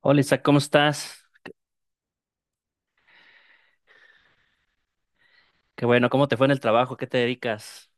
Hola Isaac, ¿cómo estás? Qué bueno, ¿cómo te fue en el trabajo? ¿Qué te dedicas?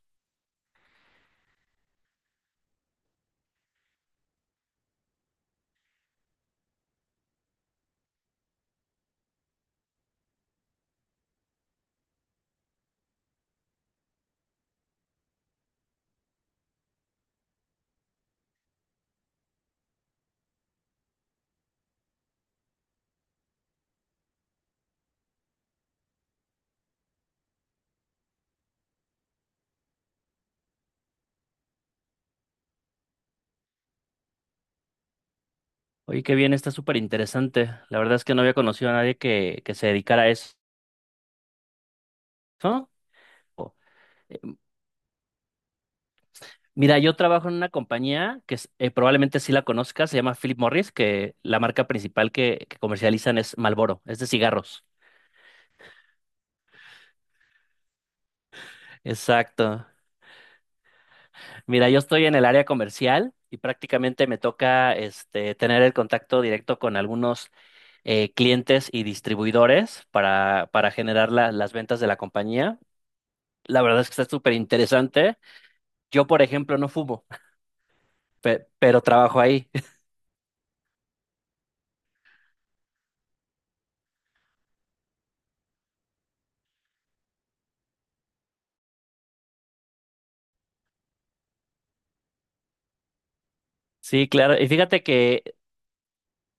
Oye, qué bien, está súper interesante. La verdad es que no había conocido a nadie que se dedicara a eso. ¿No? O- eh, Mira, yo trabajo en una compañía que probablemente sí la conozcas, se llama Philip Morris, que la marca principal que comercializan es Marlboro, es de cigarros. Exacto. Mira, yo estoy en el área comercial y prácticamente me toca este, tener el contacto directo con algunos clientes y distribuidores para generar las ventas de la compañía. La verdad es que está súper interesante. Yo, por ejemplo, no fumo. Pero trabajo ahí. Sí, claro. Y fíjate que,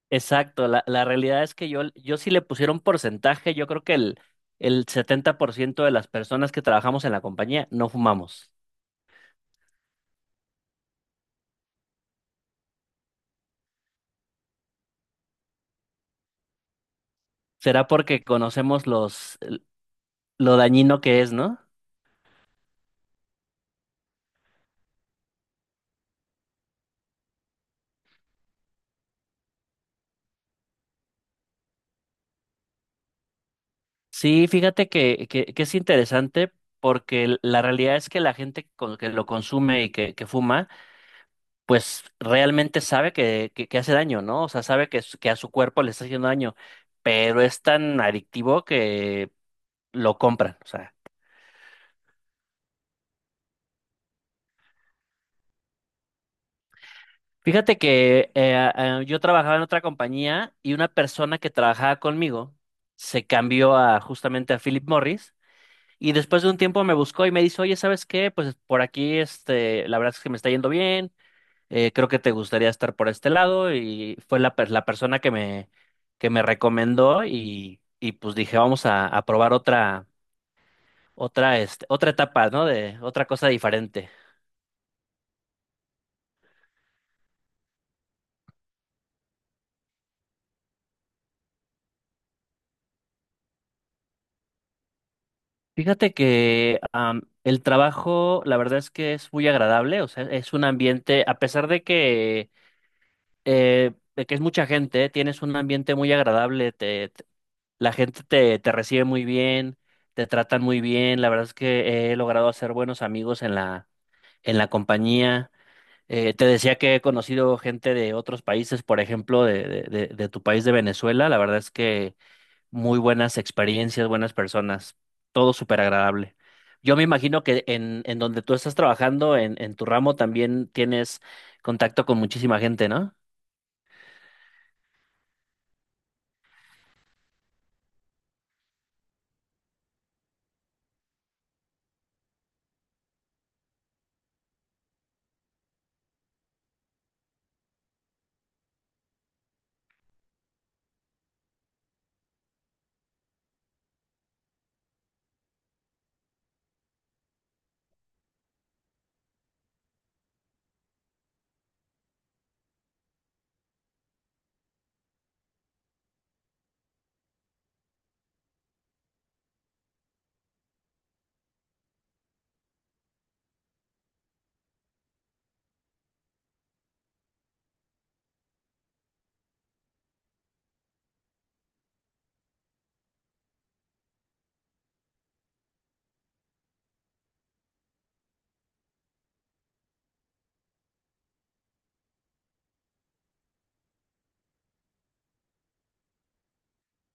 exacto, la realidad es que yo sí le pusiera un porcentaje, yo creo que el 70% de las personas que trabajamos en la compañía no fumamos. Será porque conocemos lo dañino que es, ¿no? Sí, fíjate que es interesante porque la realidad es que la gente que lo consume y que fuma, pues realmente sabe que hace daño, ¿no? O sea, sabe que, que a su cuerpo le está haciendo daño, pero es tan adictivo que lo compran. O sea, fíjate que yo trabajaba en otra compañía y una persona que trabajaba conmigo se cambió a justamente a Philip Morris. Y después de un tiempo me buscó y me dice, oye, ¿sabes qué? Pues por aquí, este, la verdad es que me está yendo bien. Creo que te gustaría estar por este lado y fue la persona que me recomendó, y pues dije, vamos a probar otra etapa, ¿no? De otra cosa diferente. Fíjate que el trabajo, la verdad es que es muy agradable, o sea, es un ambiente, a pesar de que es mucha gente, tienes un ambiente muy agradable, la gente te recibe muy bien, te tratan muy bien, la verdad es que he logrado hacer buenos amigos en la compañía. Te decía que he conocido gente de otros países, por ejemplo, de tu país de Venezuela. La verdad es que muy buenas experiencias, buenas personas, todo súper agradable. Yo me imagino que en donde tú estás trabajando, en tu ramo, también tienes contacto con muchísima gente, ¿no?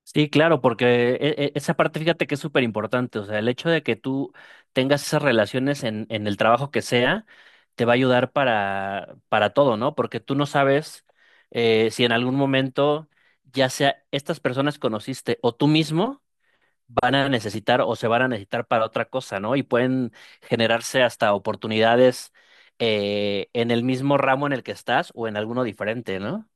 Sí, claro, porque esa parte fíjate que es súper importante, o sea, el hecho de que tú tengas esas relaciones en el trabajo que sea, te va a ayudar para todo, ¿no? Porque tú no sabes si en algún momento, ya sea estas personas que conociste o tú mismo, van a necesitar o se van a necesitar para otra cosa, ¿no? Y pueden generarse hasta oportunidades en el mismo ramo en el que estás o en alguno diferente, ¿no?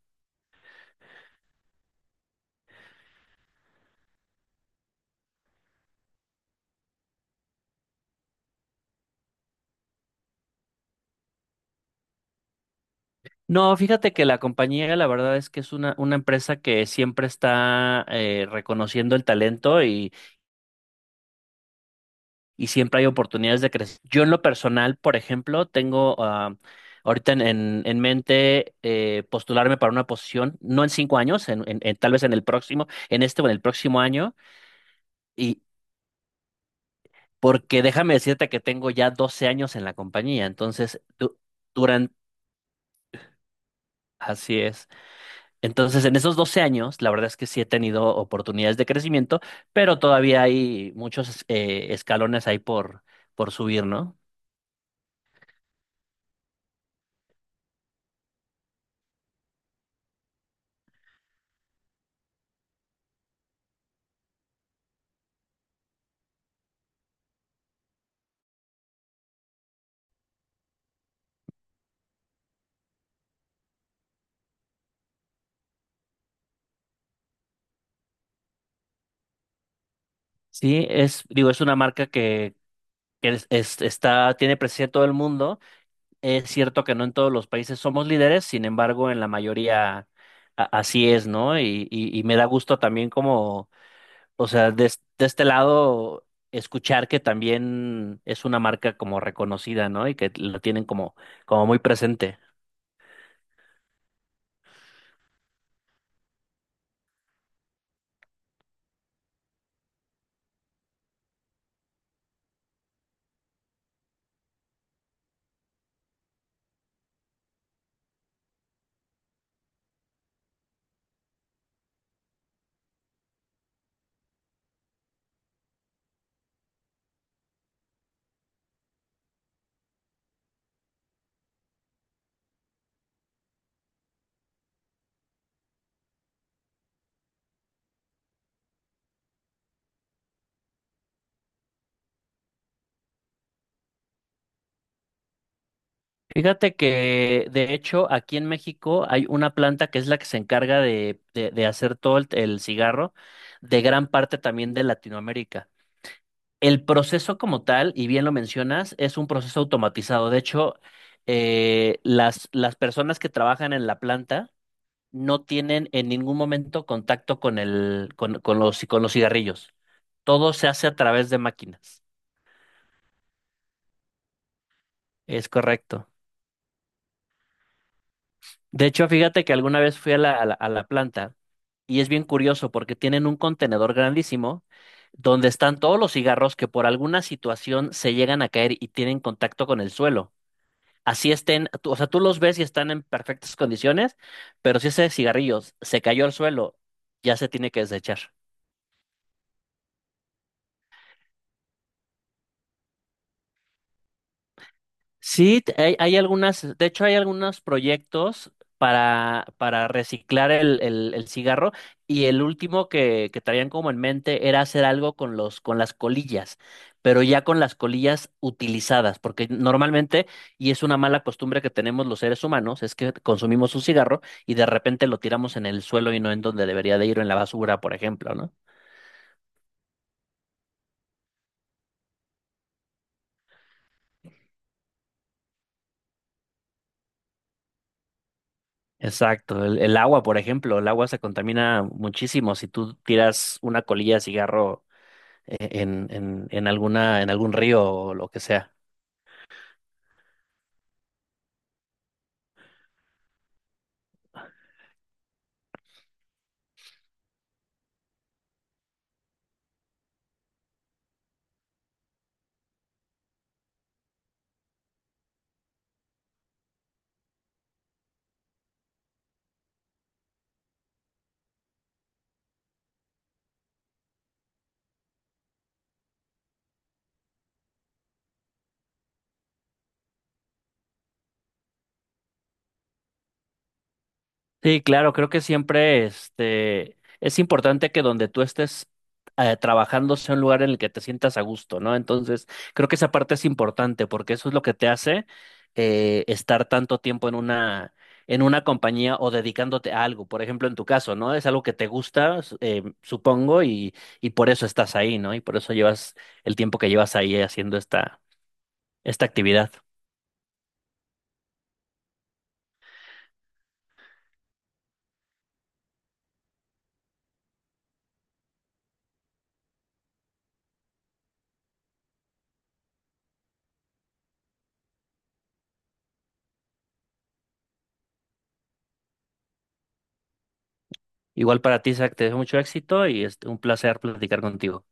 No, fíjate que la compañía, la verdad es que es una empresa que siempre está reconociendo el talento, y siempre hay oportunidades de crecer. Yo en lo personal, por ejemplo, tengo ahorita en mente postularme para una posición, no en 5 años, tal vez en el próximo, en este o en el próximo año, y porque déjame decirte que tengo ya 12 años en la compañía, entonces durante, así es. Entonces, en esos 12 años, la verdad es que sí he tenido oportunidades de crecimiento, pero todavía hay muchos escalones ahí por subir, ¿no? Sí, es, digo, es una marca que, que está, tiene presencia en todo el mundo. Es cierto que no en todos los países somos líderes, sin embargo, en la mayoría así es, ¿no? Y me da gusto también como, o sea, de este lado, escuchar que también es una marca como reconocida, ¿no? Y que lo tienen como, como muy presente. Fíjate que de hecho aquí en México hay una planta que es la que se encarga de, de hacer todo el cigarro de gran parte también de Latinoamérica. El proceso como tal, y bien lo mencionas, es un proceso automatizado. De hecho, las personas que trabajan en la planta no tienen en ningún momento contacto con el, con, con los cigarrillos. Todo se hace a través de máquinas. Es correcto. De hecho, fíjate que alguna vez fui a la, a la, a la planta y es bien curioso porque tienen un contenedor grandísimo donde están todos los cigarros que por alguna situación se llegan a caer y tienen contacto con el suelo. Así estén, o sea, tú los ves y están en perfectas condiciones, pero si ese cigarrillo se cayó al suelo, ya se tiene que desechar. Sí, hay algunas, de hecho hay algunos proyectos para reciclar el cigarro y el último que traían como en mente era hacer algo con los, con las colillas, pero ya con las colillas utilizadas, porque normalmente, y es una mala costumbre que tenemos los seres humanos, es que consumimos un cigarro y de repente lo tiramos en el suelo y no en donde debería de ir, o en la basura, por ejemplo, ¿no? Exacto, el agua, por ejemplo, el agua se contamina muchísimo si tú tiras una colilla de cigarro en alguna, en algún río o lo que sea. Sí, claro, creo que siempre este, es importante que donde tú estés trabajando sea un lugar en el que te sientas a gusto, ¿no? Entonces, creo que esa parte es importante porque eso es lo que te hace estar tanto tiempo en una compañía o dedicándote a algo. Por ejemplo, en tu caso, ¿no? Es algo que te gusta, supongo, y por eso estás ahí, ¿no? Y por eso llevas el tiempo que llevas ahí haciendo esta actividad. Igual para ti, Zach, te deseo mucho éxito y es un placer platicar contigo.